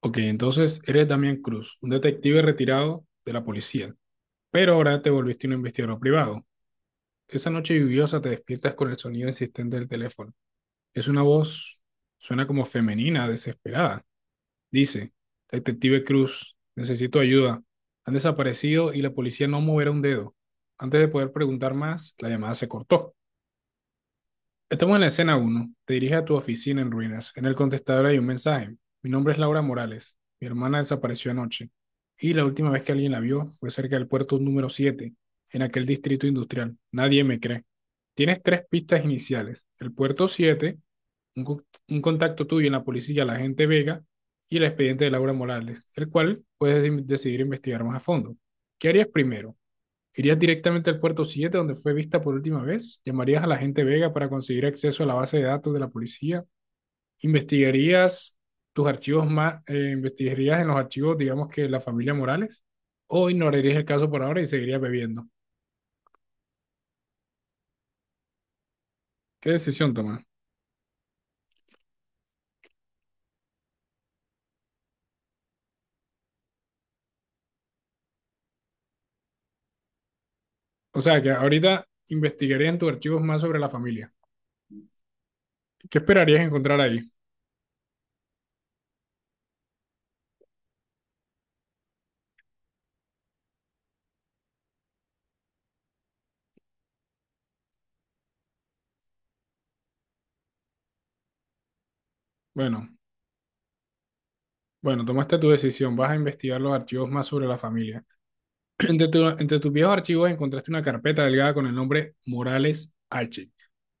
Ok, entonces eres Damián Cruz, un detective retirado de la policía, pero ahora te volviste un investigador privado. Esa noche lluviosa te despiertas con el sonido insistente del teléfono. Es una voz, suena como femenina, desesperada. Dice, Detective Cruz, necesito ayuda. Han desaparecido y la policía no moverá un dedo. Antes de poder preguntar más, la llamada se cortó. Estamos en la escena uno. Te diriges a tu oficina en ruinas. En el contestador hay un mensaje. Mi nombre es Laura Morales. Mi hermana desapareció anoche. Y la última vez que alguien la vio fue cerca del puerto número 7, en aquel distrito industrial. Nadie me cree. Tienes tres pistas iniciales. El puerto 7, un contacto tuyo en la policía, la agente Vega, y el expediente de Laura Morales, el cual puedes decidir investigar más a fondo. ¿Qué harías primero? ¿Irías directamente al puerto 7 donde fue vista por última vez? ¿Llamarías a la gente Vega para conseguir acceso a la base de datos de la policía? ¿Investigarías en los archivos, digamos que la familia Morales? ¿O ignorarías el caso por ahora y seguirías bebiendo? ¿Qué decisión tomas? O sea, que ahorita investigarías en tus archivos más sobre la familia. ¿Qué esperarías encontrar ahí? Bueno, bueno, tomaste tu decisión. Vas a investigar los archivos más sobre la familia. Entre tus viejos archivos encontraste una carpeta delgada con el nombre Morales H.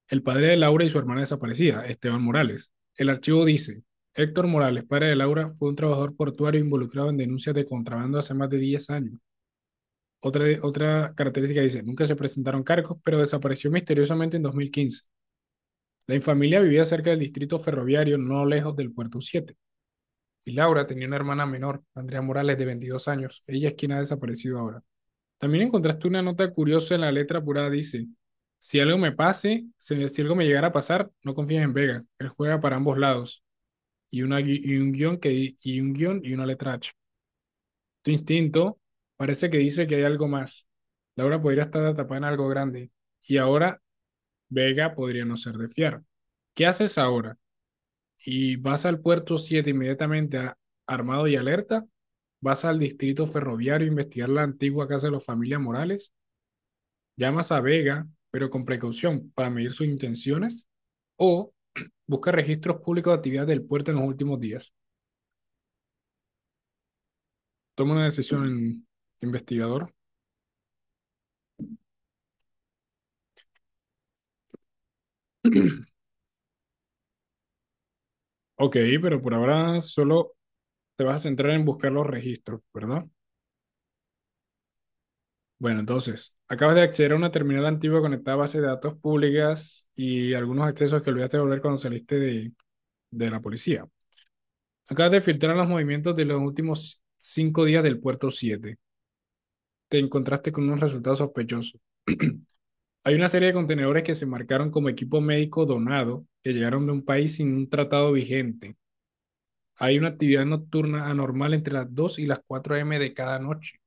El padre de Laura y su hermana desaparecida, Esteban Morales. El archivo dice, Héctor Morales, padre de Laura, fue un trabajador portuario involucrado en denuncias de contrabando hace más de 10 años. Otra característica dice, nunca se presentaron cargos, pero desapareció misteriosamente en 2015. La infamilia vivía cerca del distrito ferroviario, no lejos del puerto 7. Y Laura tenía una hermana menor, Andrea Morales, de 22 años. Ella es quien ha desaparecido ahora. También encontraste una nota curiosa en la letra apurada. Dice, si algo me llegara a pasar, no confíes en Vega. Él juega para ambos lados. Y un guión y una letra H. Tu instinto parece que dice que hay algo más. Laura podría estar atrapada en algo grande. Y ahora Vega podría no ser de fiar. ¿Qué haces ahora? ¿Y vas al puerto 7 inmediatamente armado y alerta? ¿Vas al distrito ferroviario a investigar la antigua casa de los familia Morales? Llamas a Vega, pero con precaución para medir sus intenciones o busca registros públicos de actividades del puerto en los últimos días. Toma una decisión, investigador. Ok, pero por ahora solo te vas a centrar en buscar los registros, ¿verdad? Bueno, entonces, acabas de acceder a una terminal antigua conectada a bases de datos públicas y algunos accesos que olvidaste de volver cuando saliste de la policía. Acabas de filtrar los movimientos de los últimos 5 días del puerto 7. Te encontraste con unos resultados sospechosos. Hay una serie de contenedores que se marcaron como equipo médico donado, que llegaron de un país sin un tratado vigente. Hay una actividad nocturna anormal entre las 2 y las 4 a.m. de cada noche.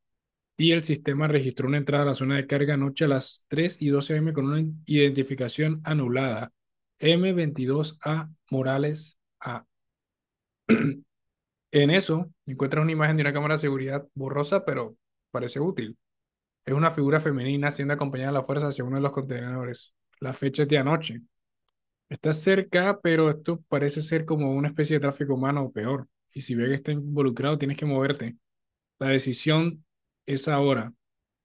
Y el sistema registró una entrada a la zona de carga anoche a las tres y 12 am con una identificación anulada. M veintidós a Morales A. En eso encuentras una imagen de una cámara de seguridad borrosa, pero parece útil. Es una figura femenina siendo acompañada a la fuerza hacia uno de los contenedores. La fecha es de anoche. Está cerca, pero esto parece ser como una especie de tráfico humano o peor. Y si ve que está involucrado, tienes que moverte. La decisión es ahora.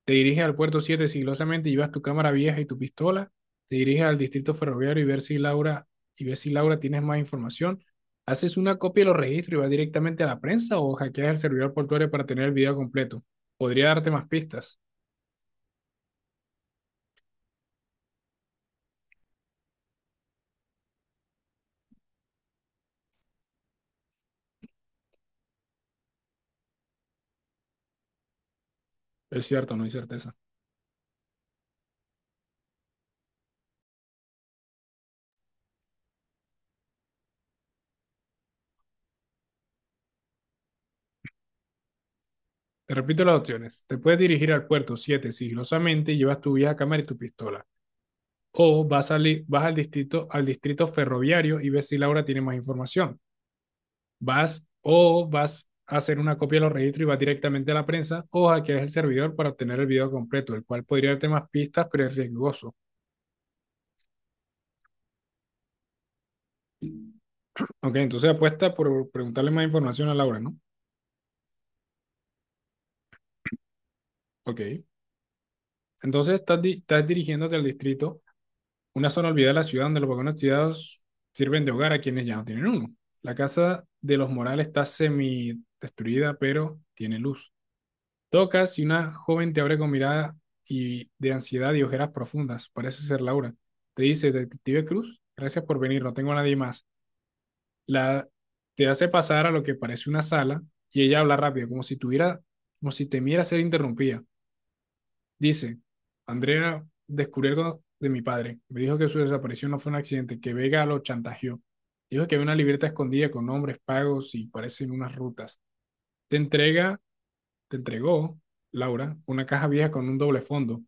Te diriges al puerto 7 sigilosamente, llevas tu cámara vieja y tu pistola. Te diriges al distrito ferroviario y ver si Laura, y ves si Laura tienes más información. Haces una copia de los registros y vas directamente a la prensa o hackeas el servidor portuario para tener el video completo. Podría darte más pistas. Es cierto, no hay certeza. Te repito las opciones. Te puedes dirigir al puerto 7 sigilosamente, llevas tu vieja cámara y tu pistola. O vas al distrito ferroviario y ves si Laura tiene más información. Vas o vas a hacer una copia de los registros y vas directamente a la prensa o hackeas el servidor para obtener el video completo, el cual podría darte más pistas, pero es riesgoso. Ok, entonces apuesta por preguntarle más información a Laura, ¿no? Ok. Entonces estás dirigiéndote al distrito, una zona olvidada de la ciudad donde los vagones ciudadanos sirven de hogar a quienes ya no tienen uno. La casa de los Morales está semi destruida, pero tiene luz. Tocas y una joven te abre con mirada y de ansiedad y ojeras profundas. Parece ser Laura. Te dice, Detective Cruz, gracias por venir, no tengo a nadie más. La, Te hace pasar a lo que parece una sala y ella habla rápido, como si temiera ser interrumpida. Dice, Andrea descubrió algo de mi padre. Me dijo que su desaparición no fue un accidente, que Vega lo chantajeó. Dijo que había una libreta escondida con nombres pagos y parecen unas rutas. Te entrega Te entregó, Laura, una caja vieja con un doble fondo.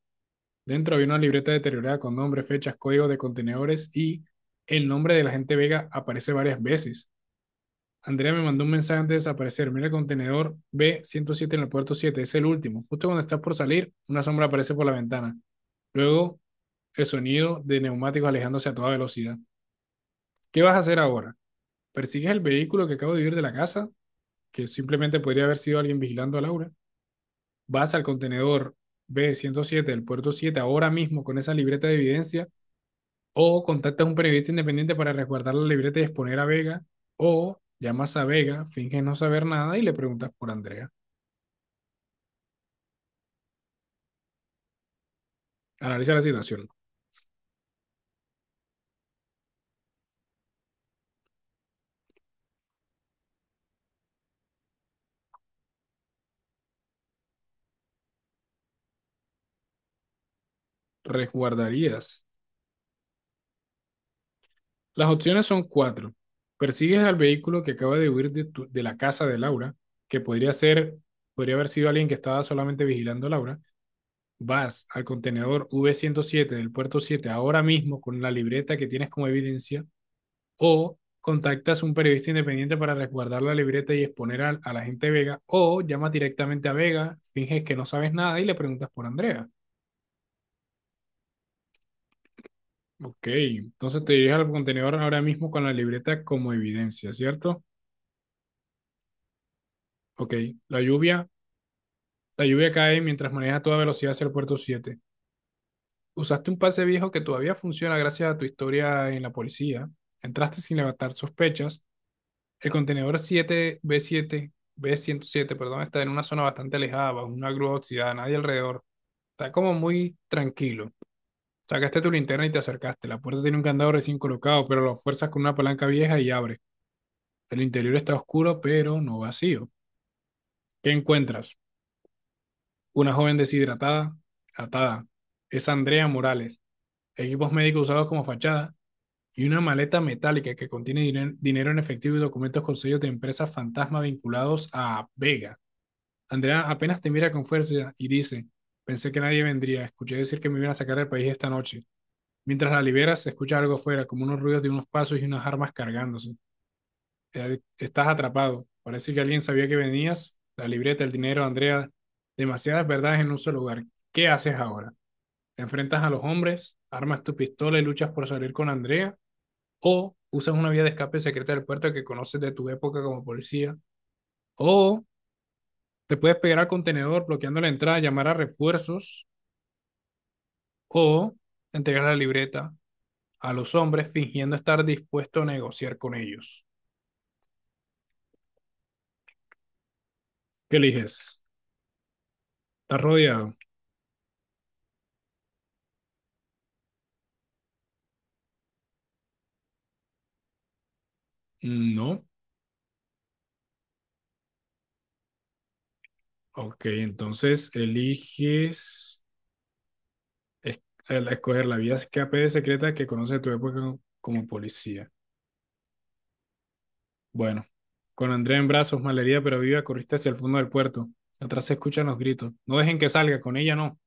Dentro había una libreta deteriorada con nombre, fechas, código de contenedores y el nombre del agente Vega aparece varias veces. Andrea me mandó un mensaje antes de desaparecer. Mira el contenedor b 107 en el puerto siete. Es el último. Justo cuando estás por salir, una sombra aparece por la ventana. Luego, el sonido de neumáticos alejándose a toda velocidad. ¿Qué vas a hacer ahora? ¿Persigues el vehículo que acabo de huir de la casa? Que simplemente podría haber sido alguien vigilando a Laura. Vas al contenedor b 107 del puerto siete ahora mismo con esa libreta de evidencia, o contactas a un periodista independiente para resguardar la libreta y exponer a Vega, o llamas a Vega, finges no saber nada y le preguntas por Andrea. Analiza la situación. ¿Resguardarías? Las opciones son cuatro. Persigues al vehículo que acaba de huir de, de la casa de Laura, que podría ser, podría haber sido alguien que estaba solamente vigilando a Laura. Vas al contenedor v 107 del puerto 7 ahora mismo con la libreta que tienes como evidencia o contactas a un periodista independiente para resguardar la libreta y exponer a la gente de Vega, o llamas directamente a Vega, finges que no sabes nada y le preguntas por Andrea. Ok, entonces te diriges al contenedor ahora mismo con la libreta como evidencia, ¿cierto? Ok, la lluvia, la lluvia cae mientras manejas a toda velocidad hacia el puerto siete. Usaste un pase viejo que todavía funciona gracias a tu historia en la policía. Entraste sin levantar sospechas. El contenedor siete b 107, perdón, está en una zona bastante alejada, bajo una grúa oxidada, nadie alrededor. Está como muy tranquilo. Sacaste tu linterna y te acercaste. La puerta tiene un candado recién colocado, pero lo fuerzas con una palanca vieja y abre. El interior está oscuro, pero no vacío. ¿Qué encuentras? Una joven deshidratada, atada. Es Andrea Morales. Equipos médicos usados como fachada y una maleta metálica que contiene dinero en efectivo y documentos con sellos de empresas fantasma vinculados a Vega. Andrea apenas te mira con fuerza y dice, pensé que nadie vendría, escuché decir que me iban a sacar del país esta noche. Mientras la liberas, se escucha algo fuera, como unos ruidos de unos pasos y unas armas cargándose. Estás atrapado. Parece que alguien sabía que venías. La libreta, el dinero, Andrea, demasiadas verdades en un solo lugar. ¿Qué haces ahora? ¿Te enfrentas a los hombres? ¿Armas tu pistola y luchas por salir con Andrea? ¿O usas una vía de escape secreta del puerto que conoces de tu época como policía? ¿O te puedes pegar al contenedor bloqueando la entrada, llamar a refuerzos o entregar la libreta a los hombres fingiendo estar dispuesto a negociar con ellos? ¿Qué eliges? ¿Estás rodeado? No. Ok, entonces eliges es- escoger la vía escape secreta que conoce tu época como policía. Bueno, con Andrea en brazos, malherida pero viva, corriste hacia el fondo del puerto. Atrás se escuchan los gritos. No dejen que salga, con ella no.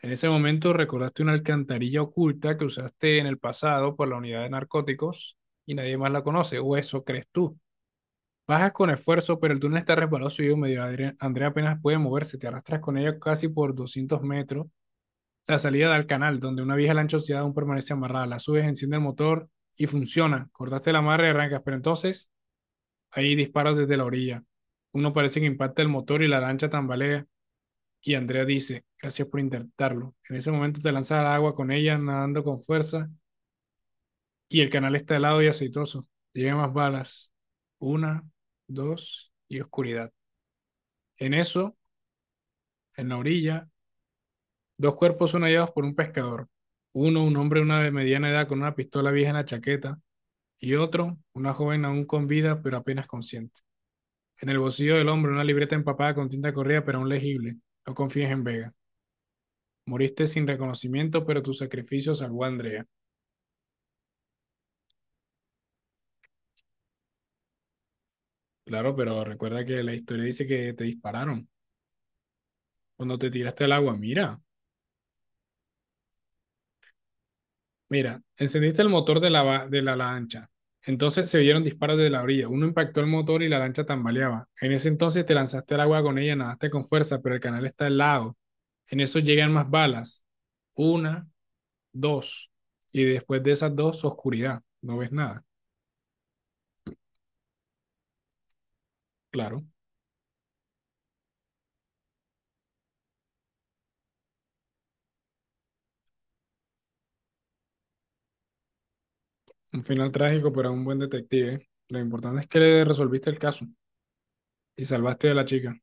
En ese momento recordaste una alcantarilla oculta que usaste en el pasado por la unidad de narcóticos y nadie más la conoce, o eso crees tú. Bajas con esfuerzo, pero el túnel está resbaloso y húmedo. Andrea apenas puede moverse, te arrastras con ella casi por 200 metros. La salida da al canal, donde una vieja lancha oxidada aún permanece amarrada. La subes, enciende el motor y funciona. Cortaste la amarra y arrancas, pero entonces ahí disparas desde la orilla. Uno parece que impacta el motor y la lancha tambalea. Y Andrea dice, gracias por intentarlo. En ese momento te lanzas al agua con ella, nadando con fuerza, y el canal está helado y aceitoso. Llegan más balas. Una, dos y oscuridad. En eso, en la orilla, dos cuerpos son hallados por un pescador. Uno, un hombre de mediana edad con una pistola vieja en la chaqueta, y otro, una joven aún con vida pero apenas consciente. En el bolsillo del hombre una libreta empapada con tinta corrida pero aún legible. No confíes en Vega. Moriste sin reconocimiento, pero tu sacrificio salvó a Andrea. Claro, pero recuerda que la historia dice que te dispararon cuando te tiraste al agua. Mira, encendiste el motor de la lancha. Entonces se oyeron disparos de la orilla. Uno impactó el motor y la lancha tambaleaba. En ese entonces te lanzaste al agua con ella, nadaste con fuerza, pero el canal está helado. En eso llegan más balas. Una, dos. Y después de esas dos, oscuridad. No ves nada. Claro, un final trágico, pero un buen detective, ¿eh? Lo importante es que le resolviste el caso y salvaste a la chica.